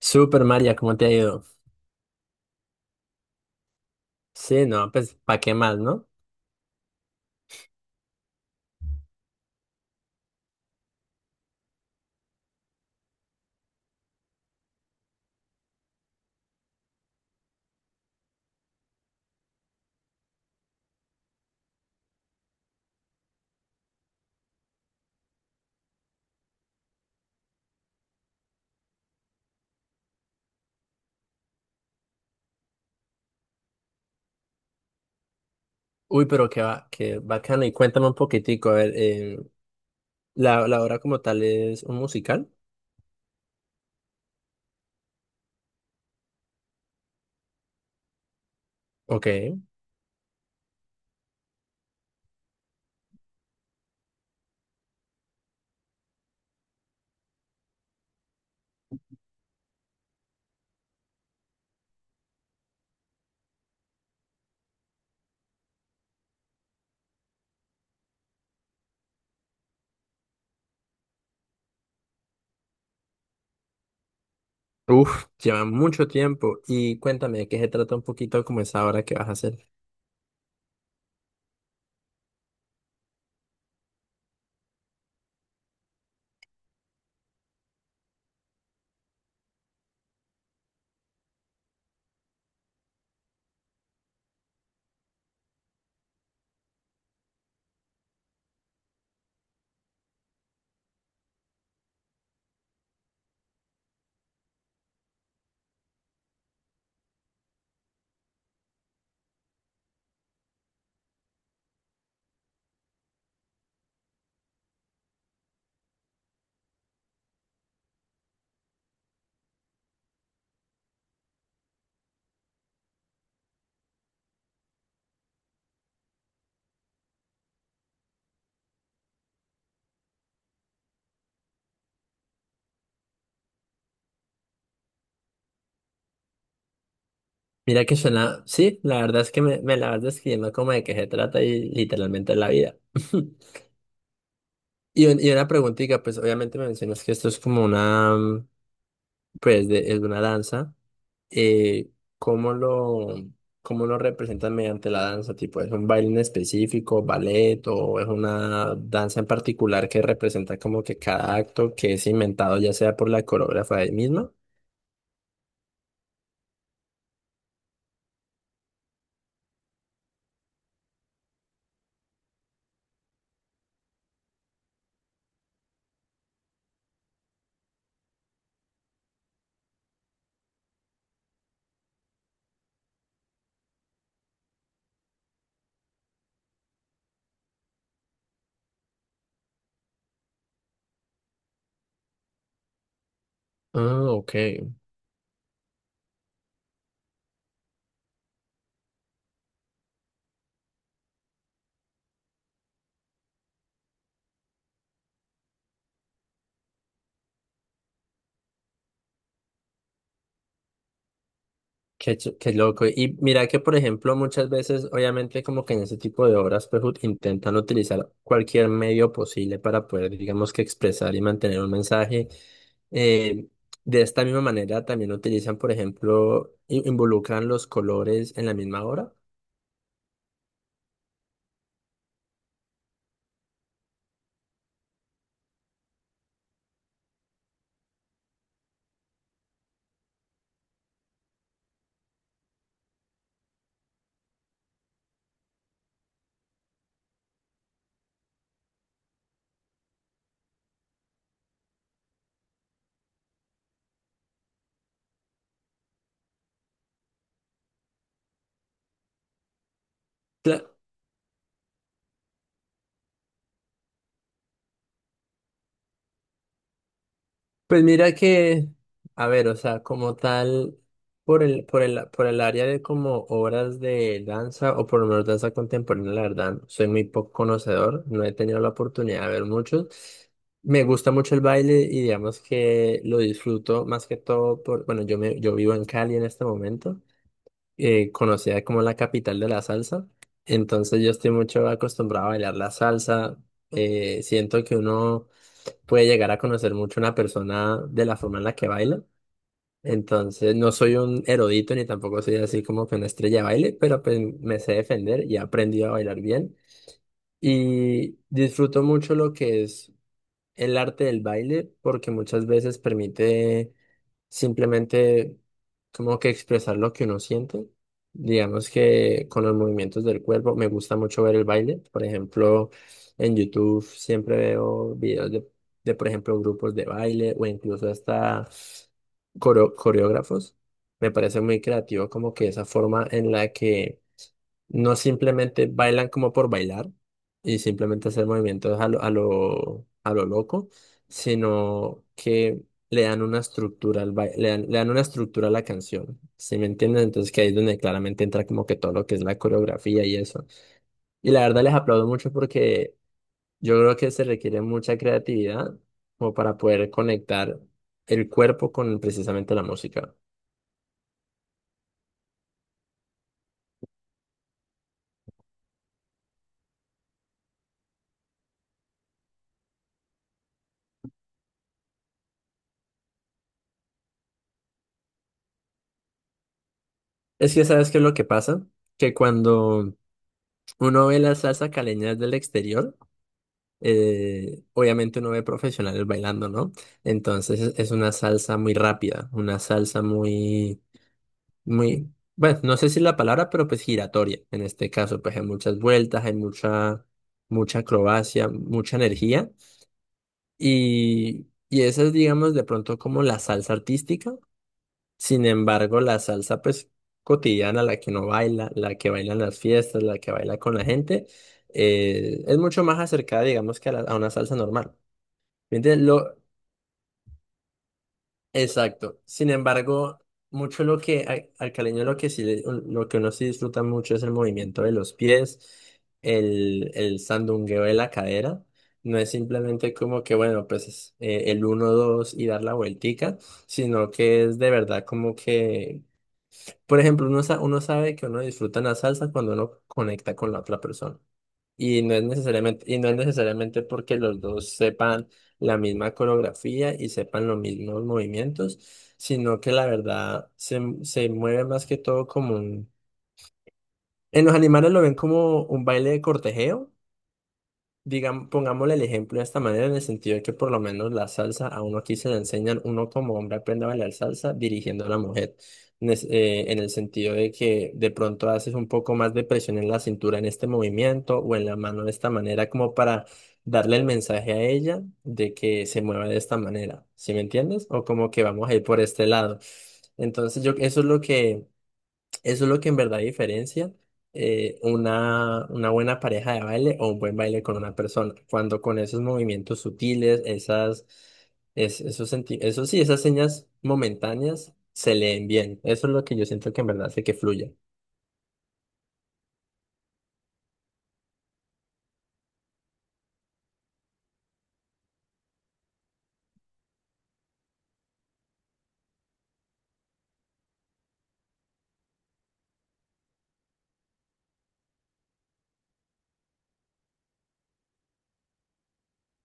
Super María, ¿cómo te ha ido? Sí, no, pues, ¿para qué más, no? Uy, pero qué, va, qué bacano. Y cuéntame un poquitico, a ver, ¿la obra como tal, ¿es un musical? Ok. Uf, lleva mucho tiempo. Y cuéntame de qué se trata un poquito como esa obra que vas a hacer. Mira que suena, sí, la verdad es que me la vas describiendo como de qué se trata y literalmente la vida. Y, y una preguntita, pues obviamente me mencionas que esto es como una, pues, es una danza. eh, ¿cómo lo, cómo lo representan mediante la danza? Tipo, ¿es un baile en específico, ballet, o es una danza en particular que representa como que cada acto que es inventado, ya sea por la coreógrafa de misma? Ah, ok. Qué, qué loco. Y mira que, por ejemplo, muchas veces, obviamente, como que en ese tipo de obras, pues intentan utilizar cualquier medio posible para poder, digamos, que expresar y mantener un mensaje. Eh, de esta misma manera, también utilizan, por ejemplo, involucran los colores en la misma obra. Pues mira que, a ver, o sea, como tal, por el área de como obras de danza, o por lo menos danza contemporánea, la verdad, soy muy poco conocedor, no he tenido la oportunidad de ver muchos. Me gusta mucho el baile y digamos que lo disfruto más que todo por, bueno, yo vivo en Cali en este momento, conocida como la capital de la salsa, entonces yo estoy mucho acostumbrado a bailar la salsa. Siento que uno puede llegar a conocer mucho una persona de la forma en la que baila. Entonces, no soy un erudito ni tampoco soy así como que una estrella de baile, pero pues me sé defender y he aprendido a bailar bien. Y disfruto mucho lo que es el arte del baile porque muchas veces permite simplemente como que expresar lo que uno siente. Digamos que con los movimientos del cuerpo me gusta mucho ver el baile. Por ejemplo, en YouTube siempre veo videos por ejemplo, grupos de baile o incluso hasta coreógrafos. Me parece muy creativo como que esa forma en la que no simplemente bailan como por bailar y simplemente hacer movimientos a lo loco, sino que le dan una estructura a la canción. ¿Sí me entiendes? Entonces que ahí es donde claramente entra como que todo lo que es la coreografía y eso. Y la verdad les aplaudo mucho porque yo creo que se requiere mucha creatividad como para poder conectar el cuerpo con precisamente la música. Es que ¿sabes qué es lo que pasa? Que cuando uno ve la salsa caleña desde el exterior, obviamente uno ve profesionales bailando, ¿no? Entonces es una salsa muy rápida, una salsa muy, muy, bueno, no sé si la palabra, pero pues giratoria. En este caso, pues hay muchas vueltas, hay mucha acrobacia, mucha energía. Y esa es, digamos, de pronto como la salsa artística. Sin embargo, la salsa, pues, cotidiana, la que no baila, la que baila en las fiestas, la que baila con la gente, es mucho más acercada, digamos, que a una salsa normal. ¿Me entiendes? Lo, exacto. Sin embargo, mucho lo que al caleño lo que lo que uno sí disfruta mucho es el movimiento de los pies, el sandungueo de la cadera. No es simplemente como que, bueno, pues es, el uno dos y dar la vueltica, sino que es de verdad como que, por ejemplo, uno sabe que uno disfruta la salsa cuando uno conecta con la otra persona. Y no es necesariamente porque los dos sepan la misma coreografía y sepan los mismos movimientos, sino que la verdad se mueve más que todo como un... En los animales lo ven como un baile de cortejeo. Digamos, pongámosle el ejemplo de esta manera, en el sentido de que por lo menos la salsa a uno aquí se le enseñan, uno como hombre aprende a bailar salsa dirigiendo a la mujer, en el sentido de que de pronto haces un poco más de presión en la cintura en este movimiento o en la mano de esta manera, como para darle el mensaje a ella de que se mueva de esta manera, ¿sí me entiendes? O como que vamos a ir por este lado. Entonces yo, eso es lo que... Eso es lo que en verdad diferencia una buena pareja de baile o un buen baile con una persona. Cuando con esos movimientos sutiles, esas, es- esos, senti- eso sí, esas señas momentáneas se leen bien. Eso es lo que yo siento que en verdad hace que fluya.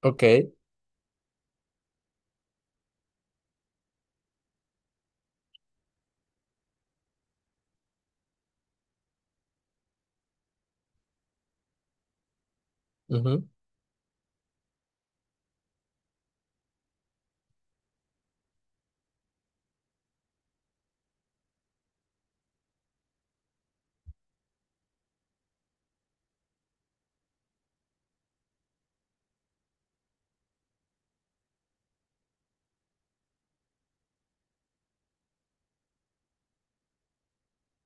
Ok, ujú,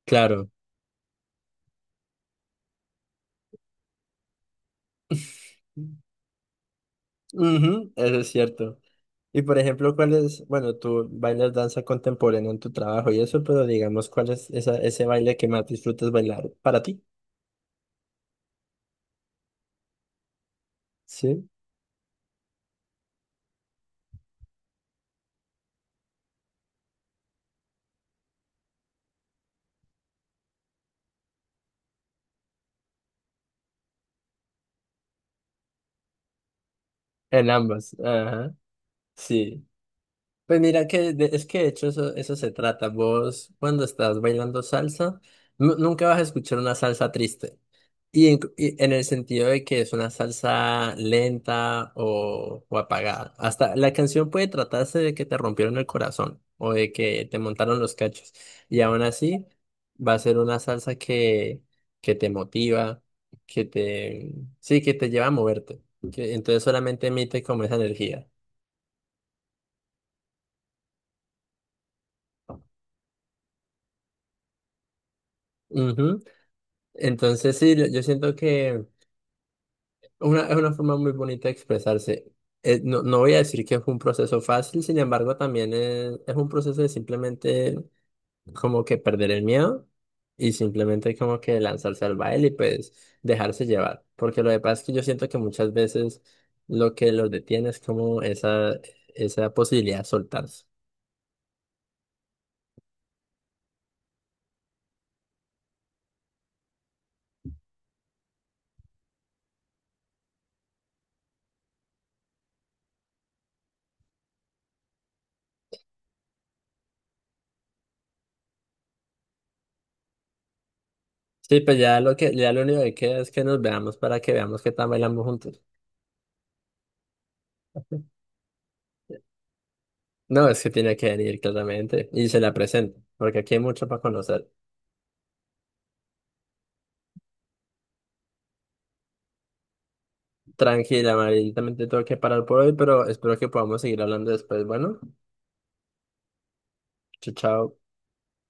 claro. Ujú, eso es cierto. Y por ejemplo, ¿cuál es, bueno, tú bailas danza contemporánea en tu trabajo y eso, pero digamos, ¿cuál es esa, ese baile que más disfrutas bailar para ti? Sí. En ambas, ajá, sí. Pues mira que es que de hecho eso, eso se trata. Vos cuando estás bailando salsa, nunca vas a escuchar una salsa triste. Y en el sentido de que es una salsa lenta o apagada. Hasta la canción puede tratarse de que te rompieron el corazón o de que te montaron los cachos. Y aún así va a ser una salsa que te motiva, que te, sí, que te lleva a moverte, que entonces solamente emite como esa energía. Ujú. Entonces, sí, yo siento que una, es una forma muy bonita de expresarse. No, no voy a decir que fue un proceso fácil, sin embargo, también es un proceso de simplemente como que perder el miedo y simplemente como que lanzarse al baile y pues dejarse llevar. Porque lo que pasa es que yo siento que muchas veces lo que los detiene es como esa posibilidad de soltarse. Sí, pues ya lo que, ya lo único que queda es que nos veamos para que veamos qué tan bailamos juntos. No, es que tiene que venir claramente y se la presento, porque aquí hay mucho para conocer. Tranquila, Mari, yo también te tengo que parar por hoy, pero espero que podamos seguir hablando después. Bueno, chao, chao.